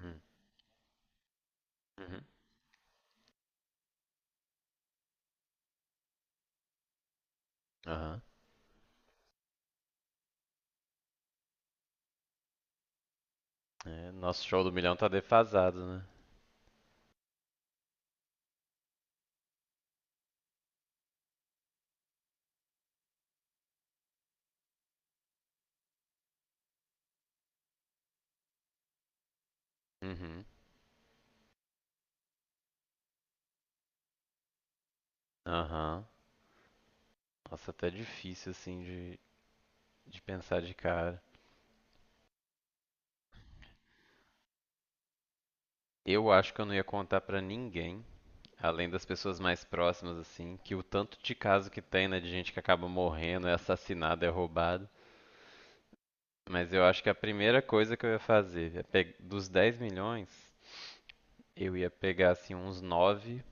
Hum, uhum, aham. É, nosso show do milhão tá defasado, né? Uhum, aham. Nossa, até difícil assim de, pensar de cara. Eu acho que eu não ia contar pra ninguém, além das pessoas mais próximas, assim, que o tanto de caso que tem, né, de gente que acaba morrendo, é assassinado, é roubado. Mas eu acho que a primeira coisa que eu ia fazer, dos 10 milhões, eu ia pegar, assim, uns 9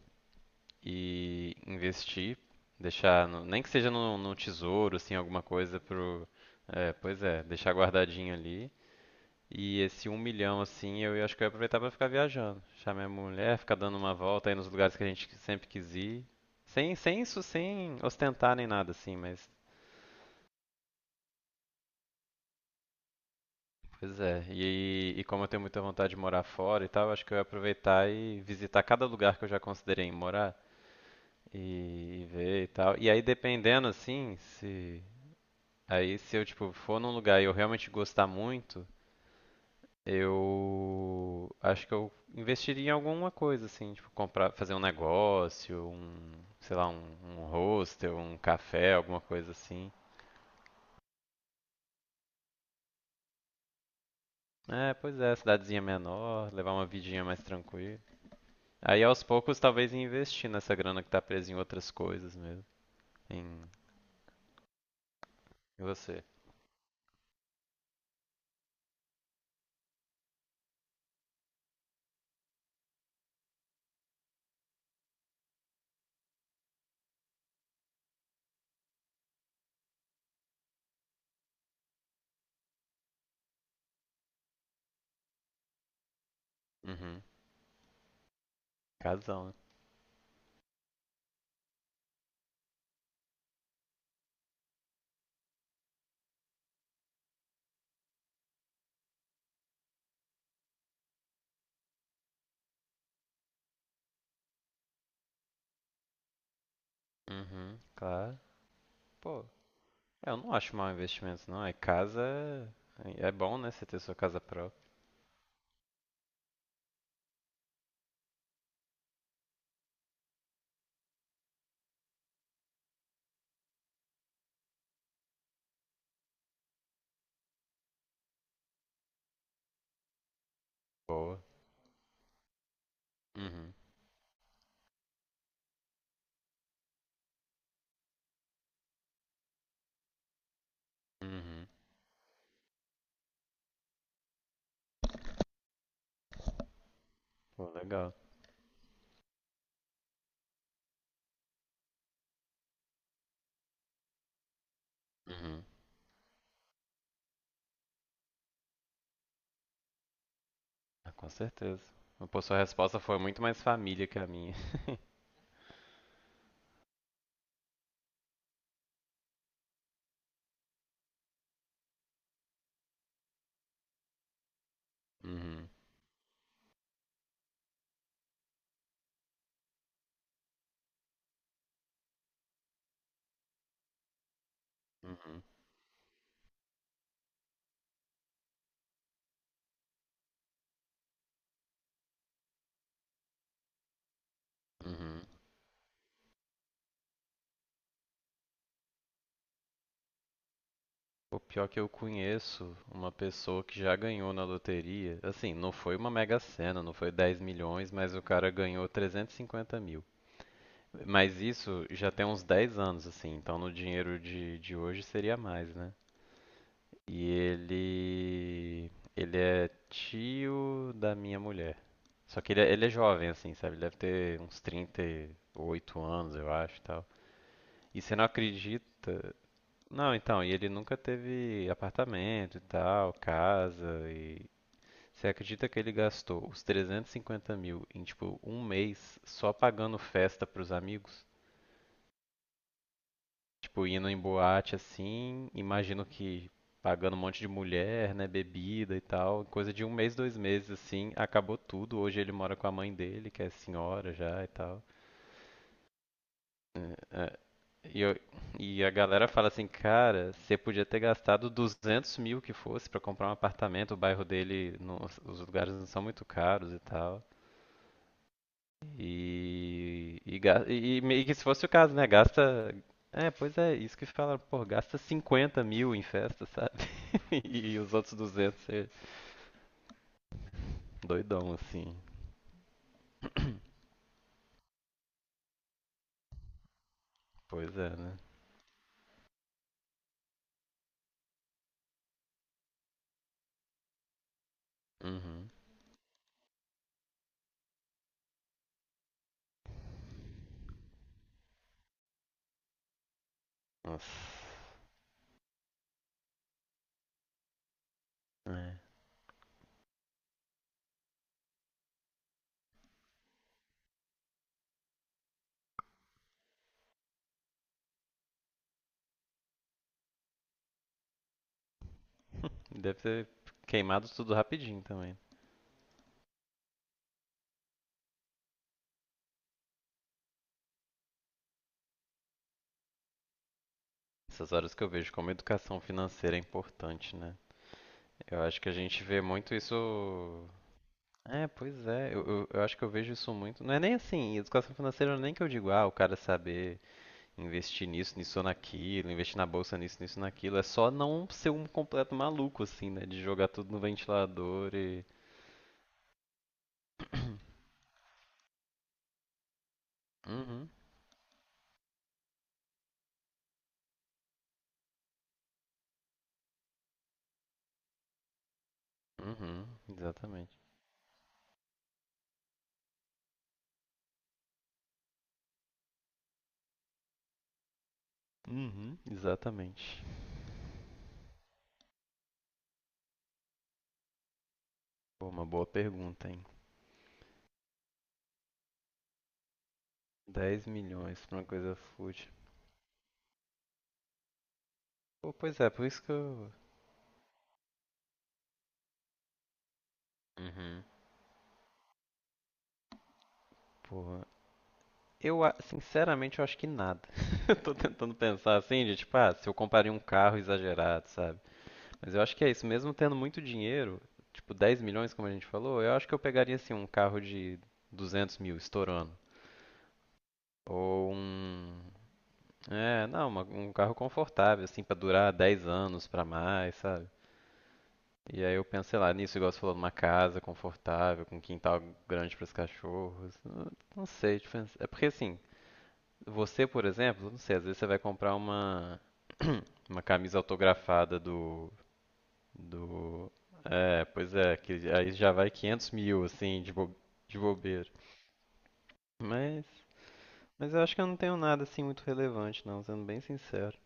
e investir, deixar, nem que seja no, tesouro, assim, alguma coisa pro, pois é, deixar guardadinho ali. E esse um milhão, assim, acho que eu ia aproveitar pra ficar viajando, deixar minha mulher, ficar dando uma volta aí nos lugares que a gente sempre quis ir, sem isso, sem ostentar nem nada, assim, mas, pois é. E como eu tenho muita vontade de morar fora e tal, acho que eu ia aproveitar e visitar cada lugar que eu já considerei em morar e ver e tal. E aí, dependendo, assim, se. Aí se eu, tipo, for num lugar e eu realmente gostar muito, eu acho que eu investiria em alguma coisa, assim, tipo, comprar, fazer um negócio, um, sei lá, um, hostel, um café, alguma coisa assim. É, pois é, cidadezinha menor, levar uma vidinha mais tranquila. Aí aos poucos talvez investir nessa grana que tá presa em outras coisas mesmo. Em. E você? Uhum. Casão, né? Uhum, claro. Pô. É, eu não acho mau investimento, não. É casa. É bom, né? Você ter sua casa própria. Boa. Uhum. Uhum. Pô, legal. Uhum. Ah, com certeza. Pô, sua resposta foi muito mais família que a minha. Uhum. Uhum. Uhum. O pior que eu conheço uma pessoa que já ganhou na loteria. Assim, não foi uma Mega Sena, não foi 10 milhões, mas o cara ganhou 350 mil. Mas isso já tem uns 10 anos, assim, então no dinheiro de hoje seria mais, né? Ele é tio da minha mulher. Só que ele é jovem, assim, sabe? Ele deve ter uns 38 anos, eu acho, e tal. E você não acredita. Não, então, e ele nunca teve apartamento e tal, casa, e. Você acredita que ele gastou os 350 mil em, tipo, um mês só pagando festa pros amigos? Tipo, indo em boate assim, imagino que pagando um monte de mulher, né, bebida e tal, coisa de um mês, 2 meses assim, acabou tudo. Hoje ele mora com a mãe dele, que é senhora já e tal. É, é, E, eu- e a galera fala assim, cara, você podia ter gastado 200 mil que fosse pra comprar um apartamento. O bairro dele, os lugares não são muito caros e tal. E meio que se fosse o caso, né? Gasta. É, pois é, isso que falaram, pô, gasta 50 mil em festa, sabe? E, os outros 200 você. Doidão, assim. Pois é, né? Uhum. Nossa. É. Deve ter queimado tudo rapidinho também. Essas horas que eu vejo como educação financeira é importante, né? Eu acho que a gente vê muito isso. É, pois é. Eu acho que eu vejo isso muito. Não é nem assim, educação financeira nem que eu digo, ah, o cara saber investir nisso, nisso ou naquilo, investir na bolsa nisso, nisso naquilo. É só não ser um completo maluco, assim, né? De jogar tudo no ventilador e. Uhum, uhum, exatamente. Uhum, exatamente. Pô, uma boa pergunta, hein? Dez milhões pra uma coisa fútil. Pô, pois é, por isso que eu. Uhum. Porra. Sinceramente, eu acho que nada. Eu tô tentando pensar assim, de tipo, ah, se eu compraria um carro exagerado, sabe? Mas eu acho que é isso, mesmo tendo muito dinheiro, tipo 10 milhões, como a gente falou, eu acho que eu pegaria assim um carro de 200 mil estourando. Ou um. É, não, um carro confortável, assim, pra durar 10 anos pra mais, sabe? E aí eu penso, sei lá, nisso, igual você falou, numa casa confortável, com um quintal grande pros cachorros. Não sei, tipo, é porque assim, você, por exemplo, não sei, às vezes você vai comprar uma camisa autografada do. É, pois é, que aí já vai 500 mil, assim, de bobeira. Mas, eu acho que eu não tenho nada, assim, muito relevante, não, sendo bem sincero.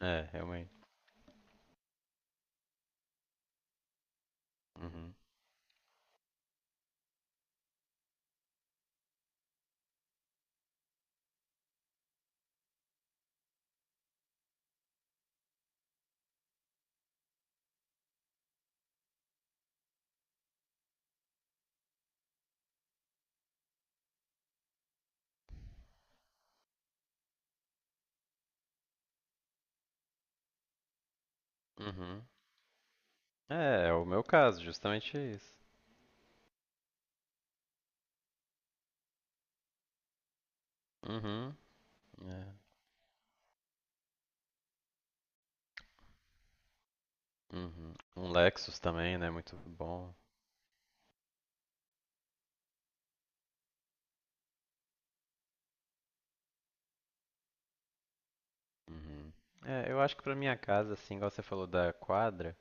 É, realmente. Uhum. Uhum. É, é o meu caso, justamente isso. Uhum. É. Uhum. Um Lexus também, né? Muito bom. Uhum. É, eu acho que pra minha casa, assim, igual você falou da quadra,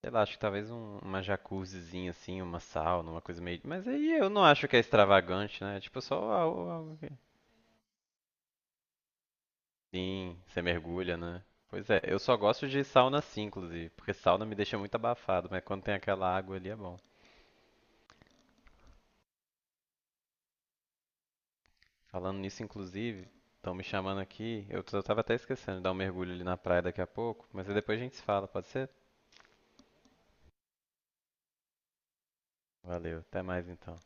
sei lá, acho que talvez uma jacuzzizinha, assim, uma sauna, uma coisa meio. Mas aí eu não acho que é extravagante, né? Tipo, só algo. Sim, você mergulha, né? Pois é, eu só gosto de sauna assim, inclusive, porque sauna me deixa muito abafado, mas quando tem aquela água ali é bom. Falando nisso, inclusive, estão me chamando aqui, eu tava até esquecendo de dar um mergulho ali na praia daqui a pouco, mas aí depois a gente se fala, pode ser? Valeu, até mais então.